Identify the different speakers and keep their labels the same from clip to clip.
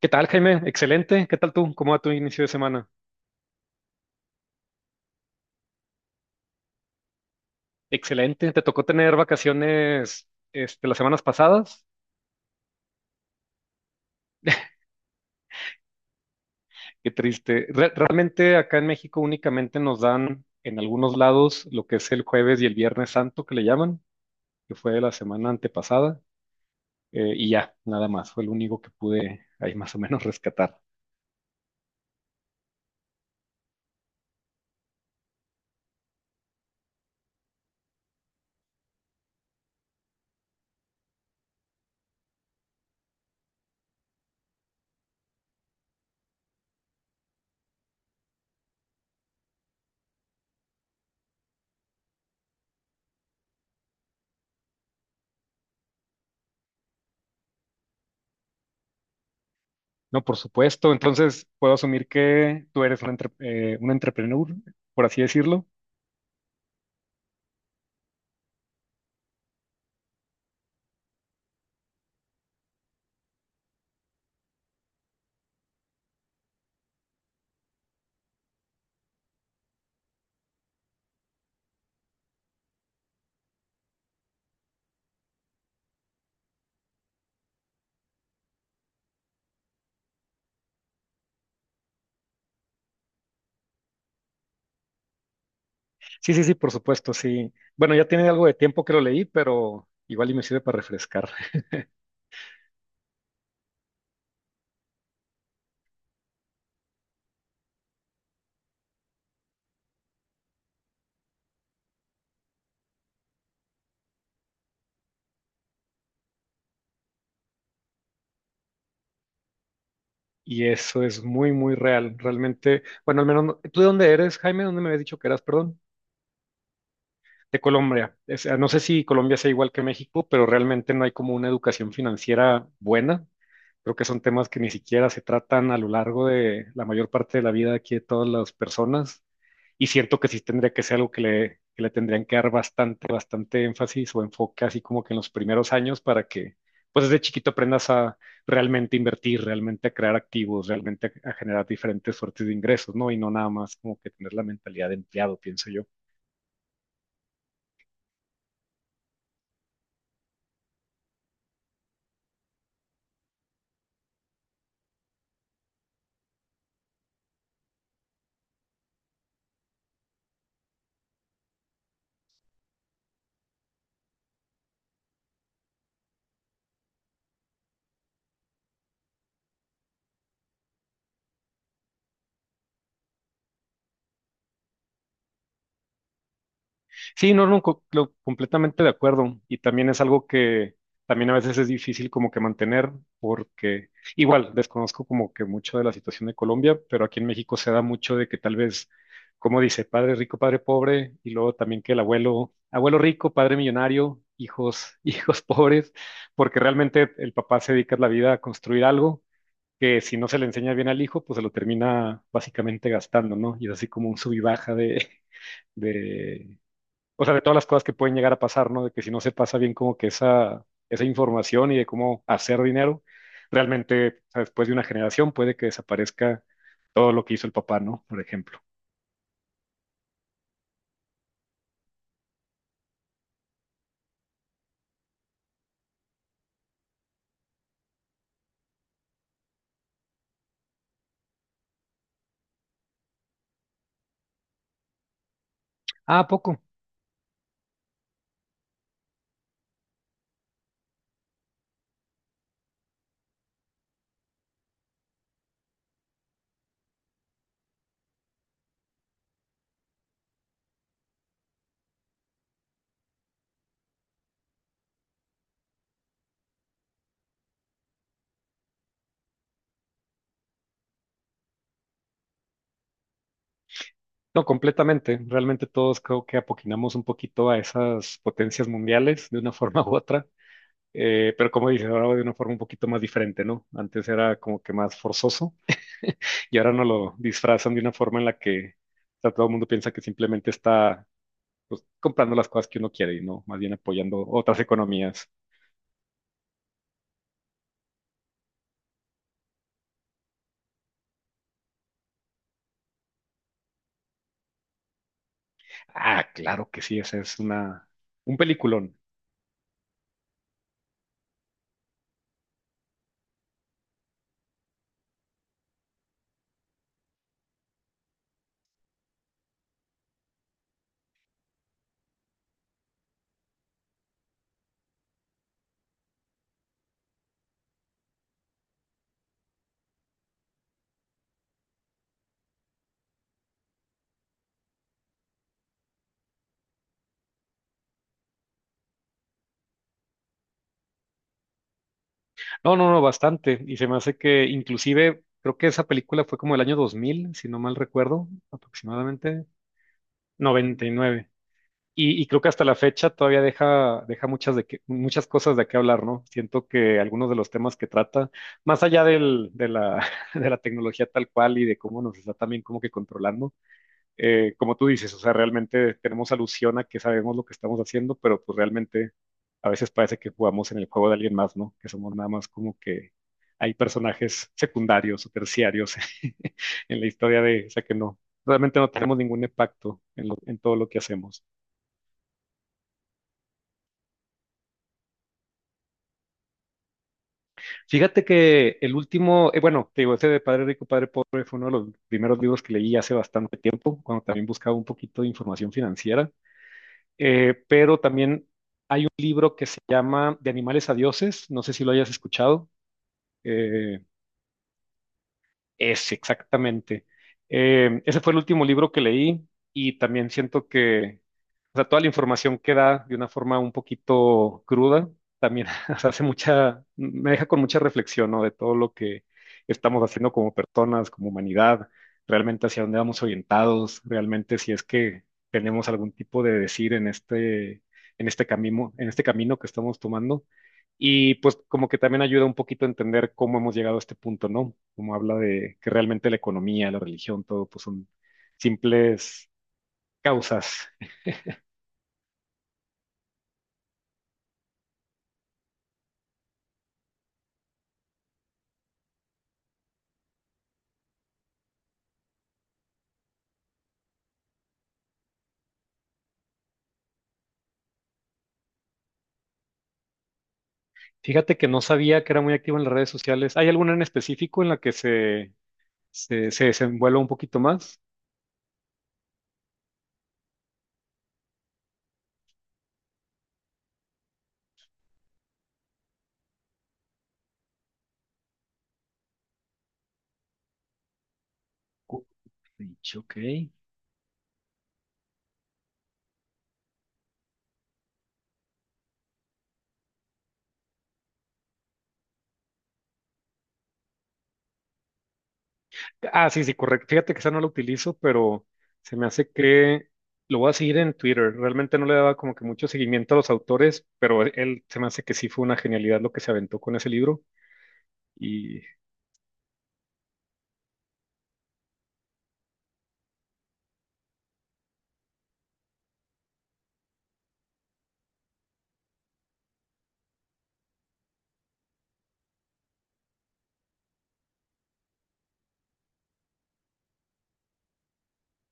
Speaker 1: ¿Qué tal, Jaime? Excelente. ¿Qué tal tú? ¿Cómo va tu inicio de semana? Excelente. ¿Te tocó tener vacaciones este, las semanas pasadas? Qué triste. Realmente acá en México únicamente nos dan en algunos lados lo que es el jueves y el viernes santo que le llaman, que fue la semana antepasada. Y ya, nada más. Fue el único que pude ahí más o menos rescatar. No, por supuesto. Entonces, puedo asumir que tú eres un, un entrepreneur, por así decirlo. Sí, sí, sí, por supuesto, sí. Bueno, ya tiene algo de tiempo que lo leí, pero igual y me sirve para refrescar. Y eso es muy, muy real, realmente. Bueno, al menos, ¿tú de dónde eres, Jaime? ¿Dónde me habías dicho que eras? Perdón. De Colombia. O sea, no sé si Colombia sea igual que México, pero realmente no hay como una educación financiera buena. Creo que son temas que ni siquiera se tratan a lo largo de la mayor parte de la vida aquí de todas las personas, y siento que sí tendría que ser algo que le tendrían que dar bastante, bastante énfasis o enfoque así como que en los primeros años para que, pues desde chiquito, aprendas a realmente invertir, realmente a crear activos, realmente a generar diferentes suertes de ingresos, ¿no? Y no nada más como que tener la mentalidad de empleado, pienso yo. Sí, no, no, completamente de acuerdo. Y también es algo que también a veces es difícil como que mantener, porque igual desconozco como que mucho de la situación de Colombia, pero aquí en México se da mucho de que tal vez, como dice, padre rico, padre pobre, y luego también que el abuelo, abuelo rico, padre millonario, hijos, hijos pobres, porque realmente el papá se dedica la vida a construir algo que si no se le enseña bien al hijo, pues se lo termina básicamente gastando, ¿no? Y es así como un sub y baja de o sea, de todas las cosas que pueden llegar a pasar, ¿no? De que si no se pasa bien como que esa información y de cómo hacer dinero, realmente, o sea, después de una generación puede que desaparezca todo lo que hizo el papá, ¿no? Por ejemplo. Ah, ¿a poco? No, completamente. Realmente todos creo que apoquinamos un poquito a esas potencias mundiales de una forma u otra. Pero como dices, ahora de una forma un poquito más diferente, ¿no? Antes era como que más forzoso y ahora no lo disfrazan de una forma en la que, o sea, todo el mundo piensa que simplemente está, pues, comprando las cosas que uno quiere y no más bien apoyando otras economías. Ah, claro que sí, esa es una, un peliculón. No, no, no, bastante. Y se me hace que inclusive creo que esa película fue como el año 2000 si no mal recuerdo, aproximadamente. 99. Y, nueve. Y creo que hasta la fecha todavía deja, muchas cosas de qué hablar, ¿no? Siento que algunos de los temas que trata, más allá de la tecnología tal cual y de cómo nos está también como que controlando, como tú dices, o sea, realmente tenemos alusión a que sabemos lo que estamos haciendo, pero pues realmente a veces parece que jugamos en el juego de alguien más, ¿no? Que somos nada más como que hay personajes secundarios o terciarios en la historia de, o sea, que no, realmente no tenemos ningún impacto en, en todo lo que hacemos. Fíjate que el último, bueno, te digo, ese de Padre Rico, Padre Pobre fue uno de los primeros libros que leí hace bastante tiempo, cuando también buscaba un poquito de información financiera. Pero también hay un libro que se llama De animales a dioses, no sé si lo hayas escuchado. Eh, es exactamente. Ese fue el último libro que leí y también siento que, o sea, toda la información que da de una forma un poquito cruda, también o sea, hace mucha, me deja con mucha reflexión, ¿no? De todo lo que estamos haciendo como personas, como humanidad, realmente hacia dónde vamos orientados, realmente si es que tenemos algún tipo de decir en este camino que estamos tomando. Y pues como que también ayuda un poquito a entender cómo hemos llegado a este punto, ¿no? Como habla de que realmente la economía, la religión, todo pues son simples causas. Fíjate que no sabía que era muy activo en las redes sociales. ¿Hay alguna en específico en la que se desenvuelva un poquito más? Goodreads, ok. Ah, sí, sí, correcto. Fíjate que esa no la utilizo, pero se me hace que lo voy a seguir en Twitter. Realmente no le daba como que mucho seguimiento a los autores, pero él se me hace que sí fue una genialidad lo que se aventó con ese libro. Y,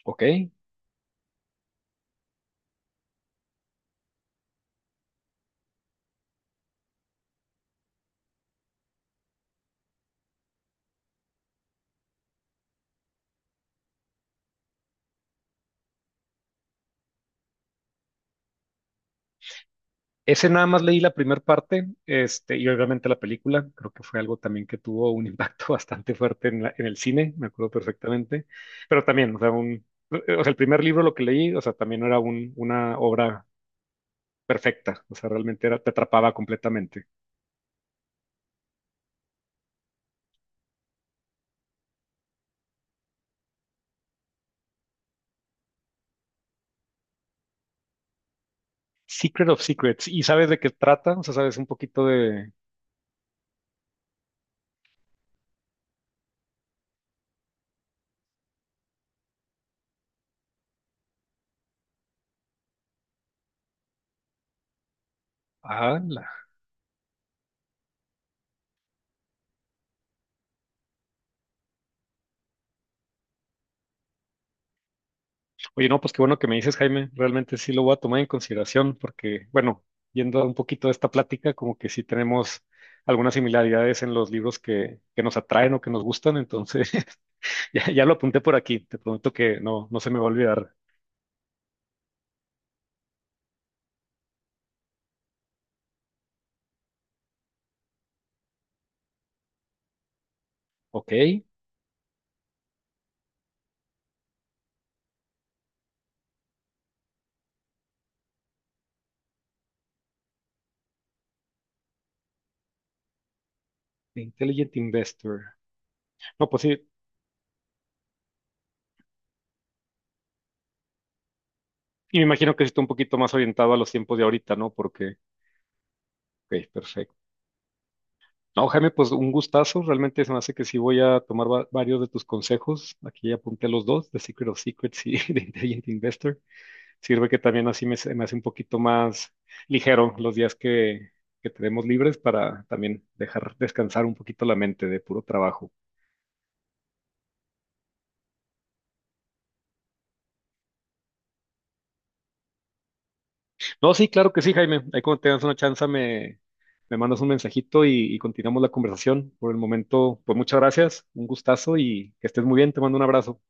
Speaker 1: ok. Ese nada más leí la primera parte, este, y obviamente la película, creo que fue algo también que tuvo un impacto bastante fuerte en, en el cine, me acuerdo perfectamente, pero también, o sea, un, o sea, el primer libro lo que leí, o sea, también no era un, una obra perfecta, o sea, realmente era, te atrapaba completamente. Secret of Secrets, ¿y sabes de qué trata? O sea, sabes un poquito de... Ah, oye, no, pues qué bueno que me dices, Jaime. Realmente sí lo voy a tomar en consideración porque, bueno, yendo a un poquito de esta plática, como que sí tenemos algunas similaridades en los libros que nos atraen o que nos gustan. Entonces, ya, ya lo apunté por aquí. Te prometo que no, no se me va a olvidar. Ok, The Intelligent Investor. No, pues sí. Y me imagino que sí está un poquito más orientado a los tiempos de ahorita, ¿no? Porque, ok, perfecto. No, Jaime, pues un gustazo. Realmente se me hace que sí voy a tomar varios de tus consejos. Aquí ya apunté los dos, de Secret of Secrets y de Intelligent Investor. Sirve que también así me, se me hace un poquito más ligero los días que tenemos libres para también dejar descansar un poquito la mente de puro trabajo. No, sí, claro que sí, Jaime. Ahí cuando tengas una chance me, me mandas un mensajito y continuamos la conversación. Por el momento, pues muchas gracias, un gustazo y que estés muy bien. Te mando un abrazo.